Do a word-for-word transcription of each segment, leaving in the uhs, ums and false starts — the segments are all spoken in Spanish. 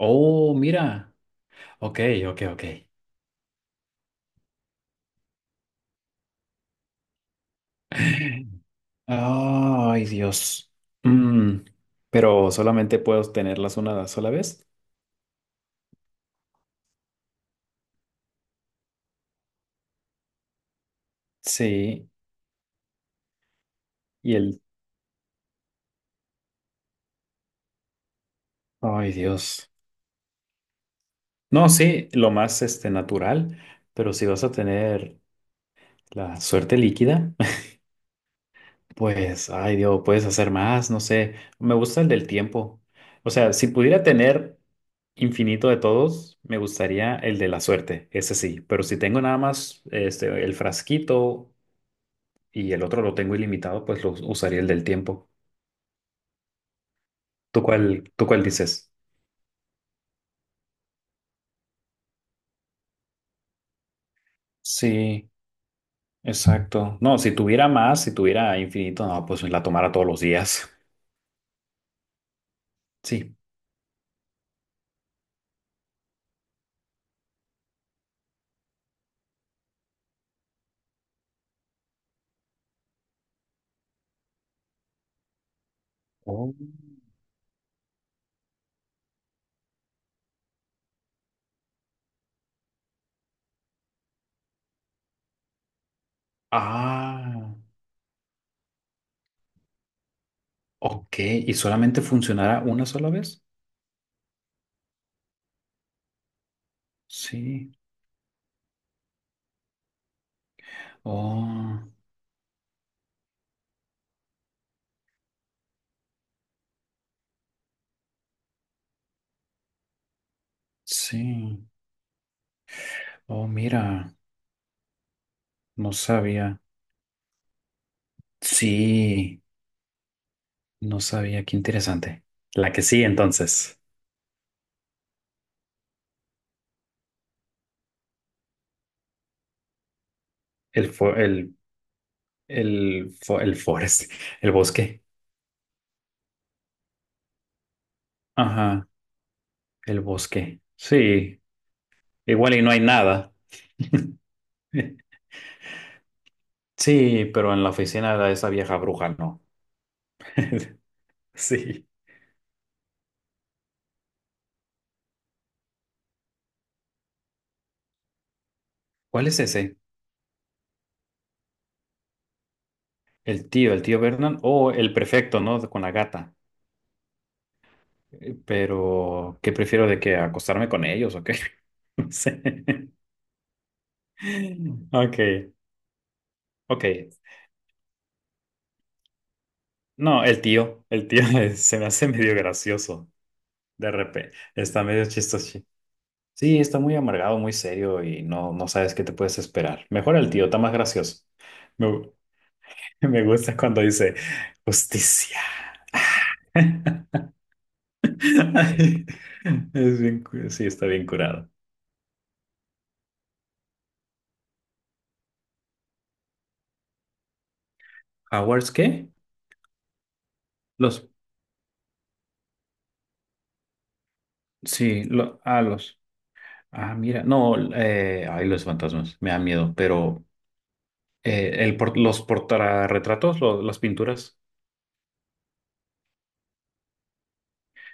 Oh, mira. Ok, ok, ok. Ay, Dios. Mm, Pero solamente puedo tenerlas una sola vez. Sí. Y el... Ay, Dios. No, sí, lo más este, natural, pero si vas a tener la suerte líquida. Pues, ay Dios, puedes hacer más, no sé. Me gusta el del tiempo. O sea, si pudiera tener infinito de todos, me gustaría el de la suerte, ese sí. Pero si tengo nada más este, el frasquito y el otro lo tengo ilimitado, pues lo usaría el del tiempo. ¿Tú cuál, tú cuál dices? Sí, exacto. No, si tuviera más, si tuviera infinito, no, pues la tomara todos los días. Sí. Oh. Ah, ok. ¿Y solamente funcionará una sola vez? Sí. Oh, sí. Oh, mira, no sabía. Sí, no sabía. Qué interesante. La que sí, entonces. El fo- el, el, fo- el forest, el bosque. Ajá, el bosque. Sí, igual y no hay nada. Sí, pero en la oficina de esa vieja bruja no. Sí. ¿Cuál es ese? El tío, el tío Vernon o el prefecto, ¿no? Con la gata. Eh, Pero, ¿qué prefiero de que acostarme con ellos o qué? No sé. Ok, ok. No, el tío, el tío se me hace medio gracioso. De repente, está medio chistoso. Sí, está muy amargado, muy serio y no, no sabes qué te puedes esperar. Mejor el tío, está más gracioso. Me, gu- me gusta cuando dice justicia. Es bien, cu- sí, está bien curado. ¿Howards qué? Los, sí, lo, ah, los. Ah, mira, no, eh, ay, los fantasmas, me da miedo, pero eh, el por- los portarretratos, lo- las pinturas.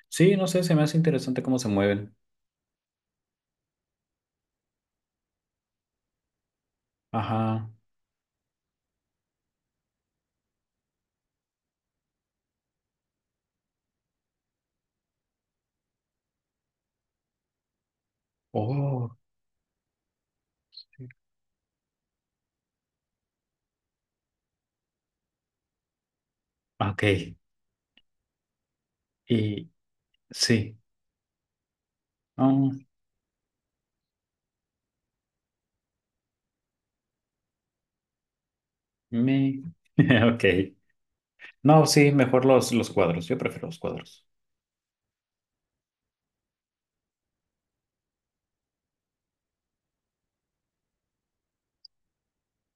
Sí, no sé, se me hace interesante cómo se mueven. Ajá. Oh, ok. Y sí. Ah, me. Ok. No, sí, mejor los, los cuadros. Yo prefiero los cuadros.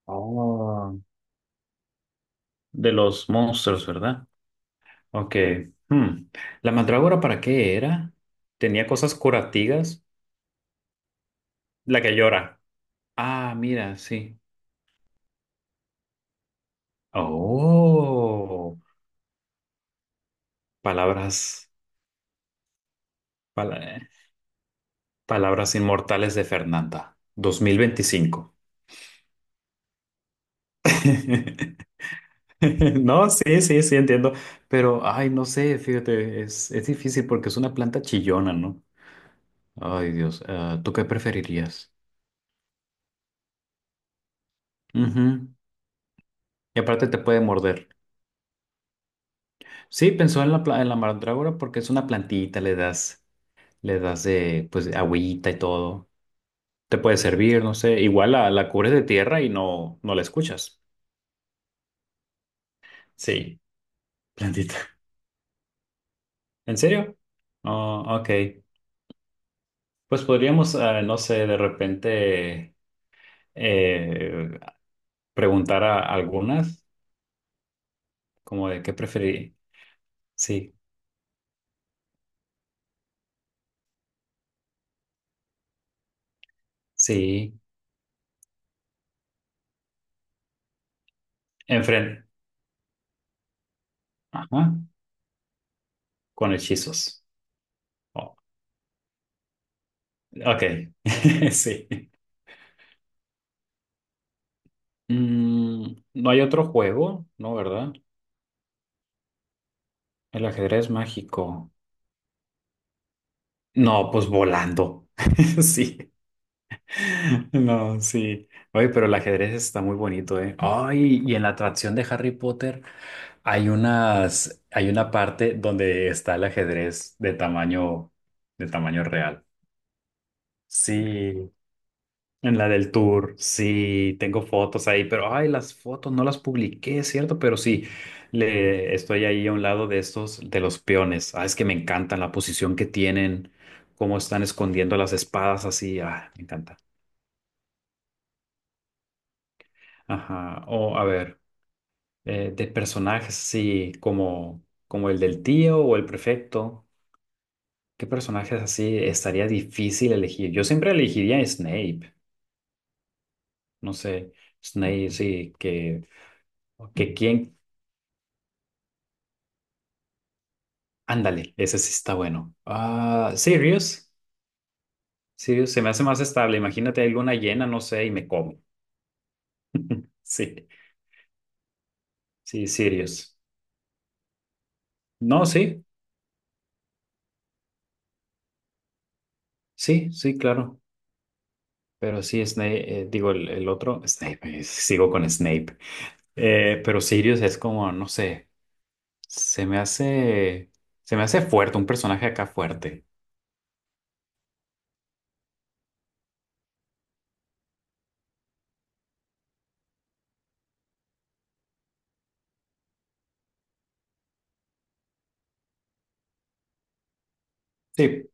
Oh. De los monstruos, ¿verdad? Ok. Hmm. ¿La mandrágora para qué era? Tenía cosas curativas. La que llora. Ah, mira, sí. Oh, palabras, pala- palabras inmortales de Fernanda, dos mil veinticinco. No, sí, sí, sí, entiendo, pero, ay, no sé, fíjate, es, es difícil porque es una planta chillona, ¿no? Ay, Dios, ah, ¿tú qué preferirías? Ujú. Y aparte te puede morder. Sí, pensó en la, pla- en la mandrágora porque es una plantita, le das, le das de, pues, agüita y todo. Te puede servir, no sé, igual la, la cubres de tierra y no, no la escuchas. Sí, plantita. ¿En serio? Oh, ok. Pues podríamos, ah, no sé, de repente eh, preguntar a algunas, como de qué preferir. Sí, sí. Enfrente. Ajá. Con hechizos. Oh, ok. Sí. Mm, no hay otro juego, ¿no? ¿Verdad? El ajedrez mágico. No, pues volando. Sí. No, sí. Oye, pero el ajedrez está muy bonito, ¿eh? Ay, y en la atracción de Harry Potter hay unas, hay una parte donde está el ajedrez de tamaño, de tamaño real. Sí, en la del tour, sí, tengo fotos ahí, pero ay, las fotos no las publiqué, ¿cierto? Pero sí, le estoy ahí a un lado de estos, de los peones. Ah, es que me encantan la posición que tienen, cómo están escondiendo las espadas así. Ah, me encanta. Ajá. O a ver. eh, de personajes así como, como el del tío o el prefecto. ¿Qué personajes así estaría difícil elegir? Yo siempre elegiría a Snape. No sé, Snape, sí, que, que quién. Ándale, ese sí está bueno. Ah, Sirius. Sirius se me hace más estable. Imagínate alguna llena, no sé, y me come. Sí, sí, Sirius. No, sí, sí, sí, claro. Pero sí, Snape, eh, digo, el, el otro, Snape, eh, sigo con Snape. Eh, pero Sirius es como, no sé. Se me hace, se me hace fuerte, un personaje acá fuerte. Sí,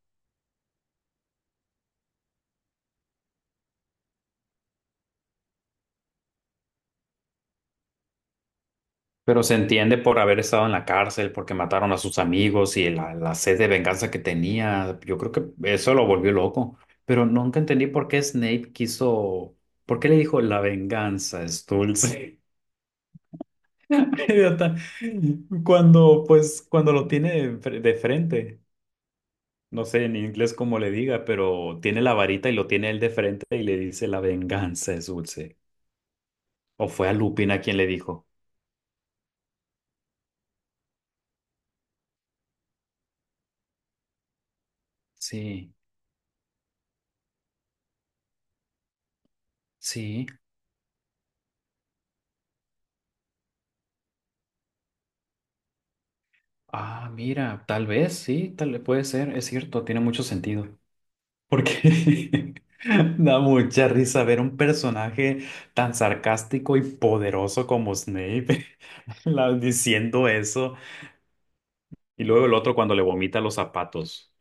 pero se entiende por haber estado en la cárcel, porque mataron a sus amigos y la, la sed de venganza que tenía. Yo creo que eso lo volvió loco. Pero nunca entendí por qué Snape quiso, por qué le dijo la venganza es dulce. Idiota. Cuando, pues, cuando lo tiene de fre- de frente. No sé en inglés cómo le diga, pero tiene la varita y lo tiene él de frente y le dice la venganza es dulce. ¿O fue a Lupina quien le dijo? Sí, sí. Ah, mira, tal vez, sí, tal vez puede ser, es cierto, tiene mucho sentido. Porque da mucha risa ver un personaje tan sarcástico y poderoso como Snape la- diciendo eso. Y luego el otro cuando le vomita los zapatos.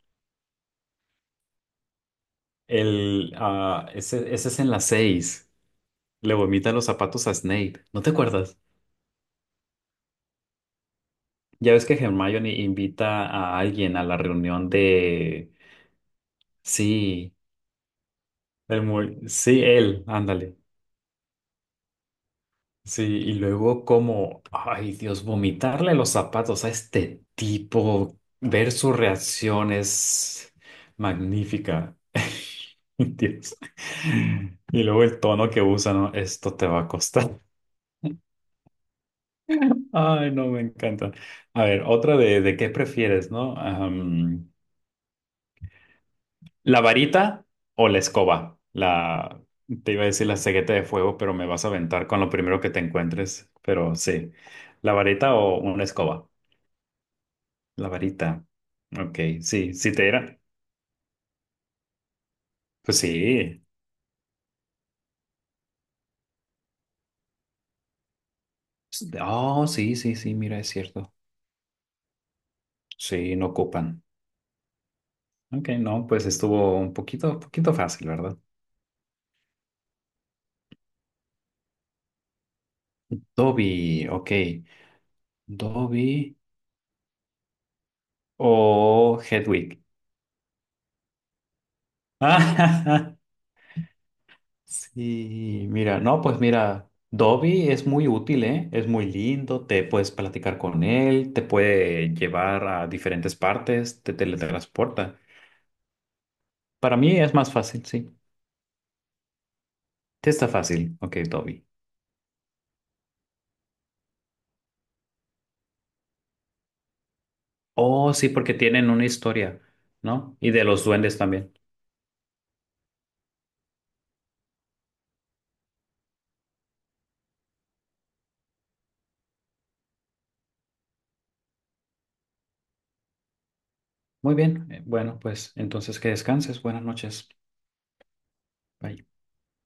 El, ah, ese, ese es en las seis. Le vomita los zapatos a Snape. ¿No te acuerdas? Ya ves que Hermione invita a alguien a la reunión de... Sí. El muy, sí, él, ándale. Sí, y luego como, ay Dios, vomitarle los zapatos a este tipo, ver su reacción es magnífica. Dios. Y luego el tono que usa, ¿no? Esto te va a costar. Ay, no, me encanta. A ver, otra de, de qué prefieres, ¿no? ¿La varita o la escoba? La, te iba a decir la cegueta de fuego, pero me vas a aventar con lo primero que te encuentres. Pero sí, ¿la varita o una escoba? La varita. Ok, sí, sí te era. Pues sí. Oh, sí, sí, sí, mira, es cierto. Sí, no ocupan. Ok, no, pues estuvo un poquito, poquito fácil, ¿verdad? Dobby, ok. Dobby o Hedwig. Sí, mira, no, pues mira, Dobby es muy útil, ¿eh? Es muy lindo, te puedes platicar con él, te puede llevar a diferentes partes, te teletransporta. Para mí es más fácil, sí. Te está fácil, ok, Dobby. Oh, sí, porque tienen una historia, ¿no? Y de los duendes también. Muy bien, eh, bueno, pues entonces que descanses, buenas noches. Bye.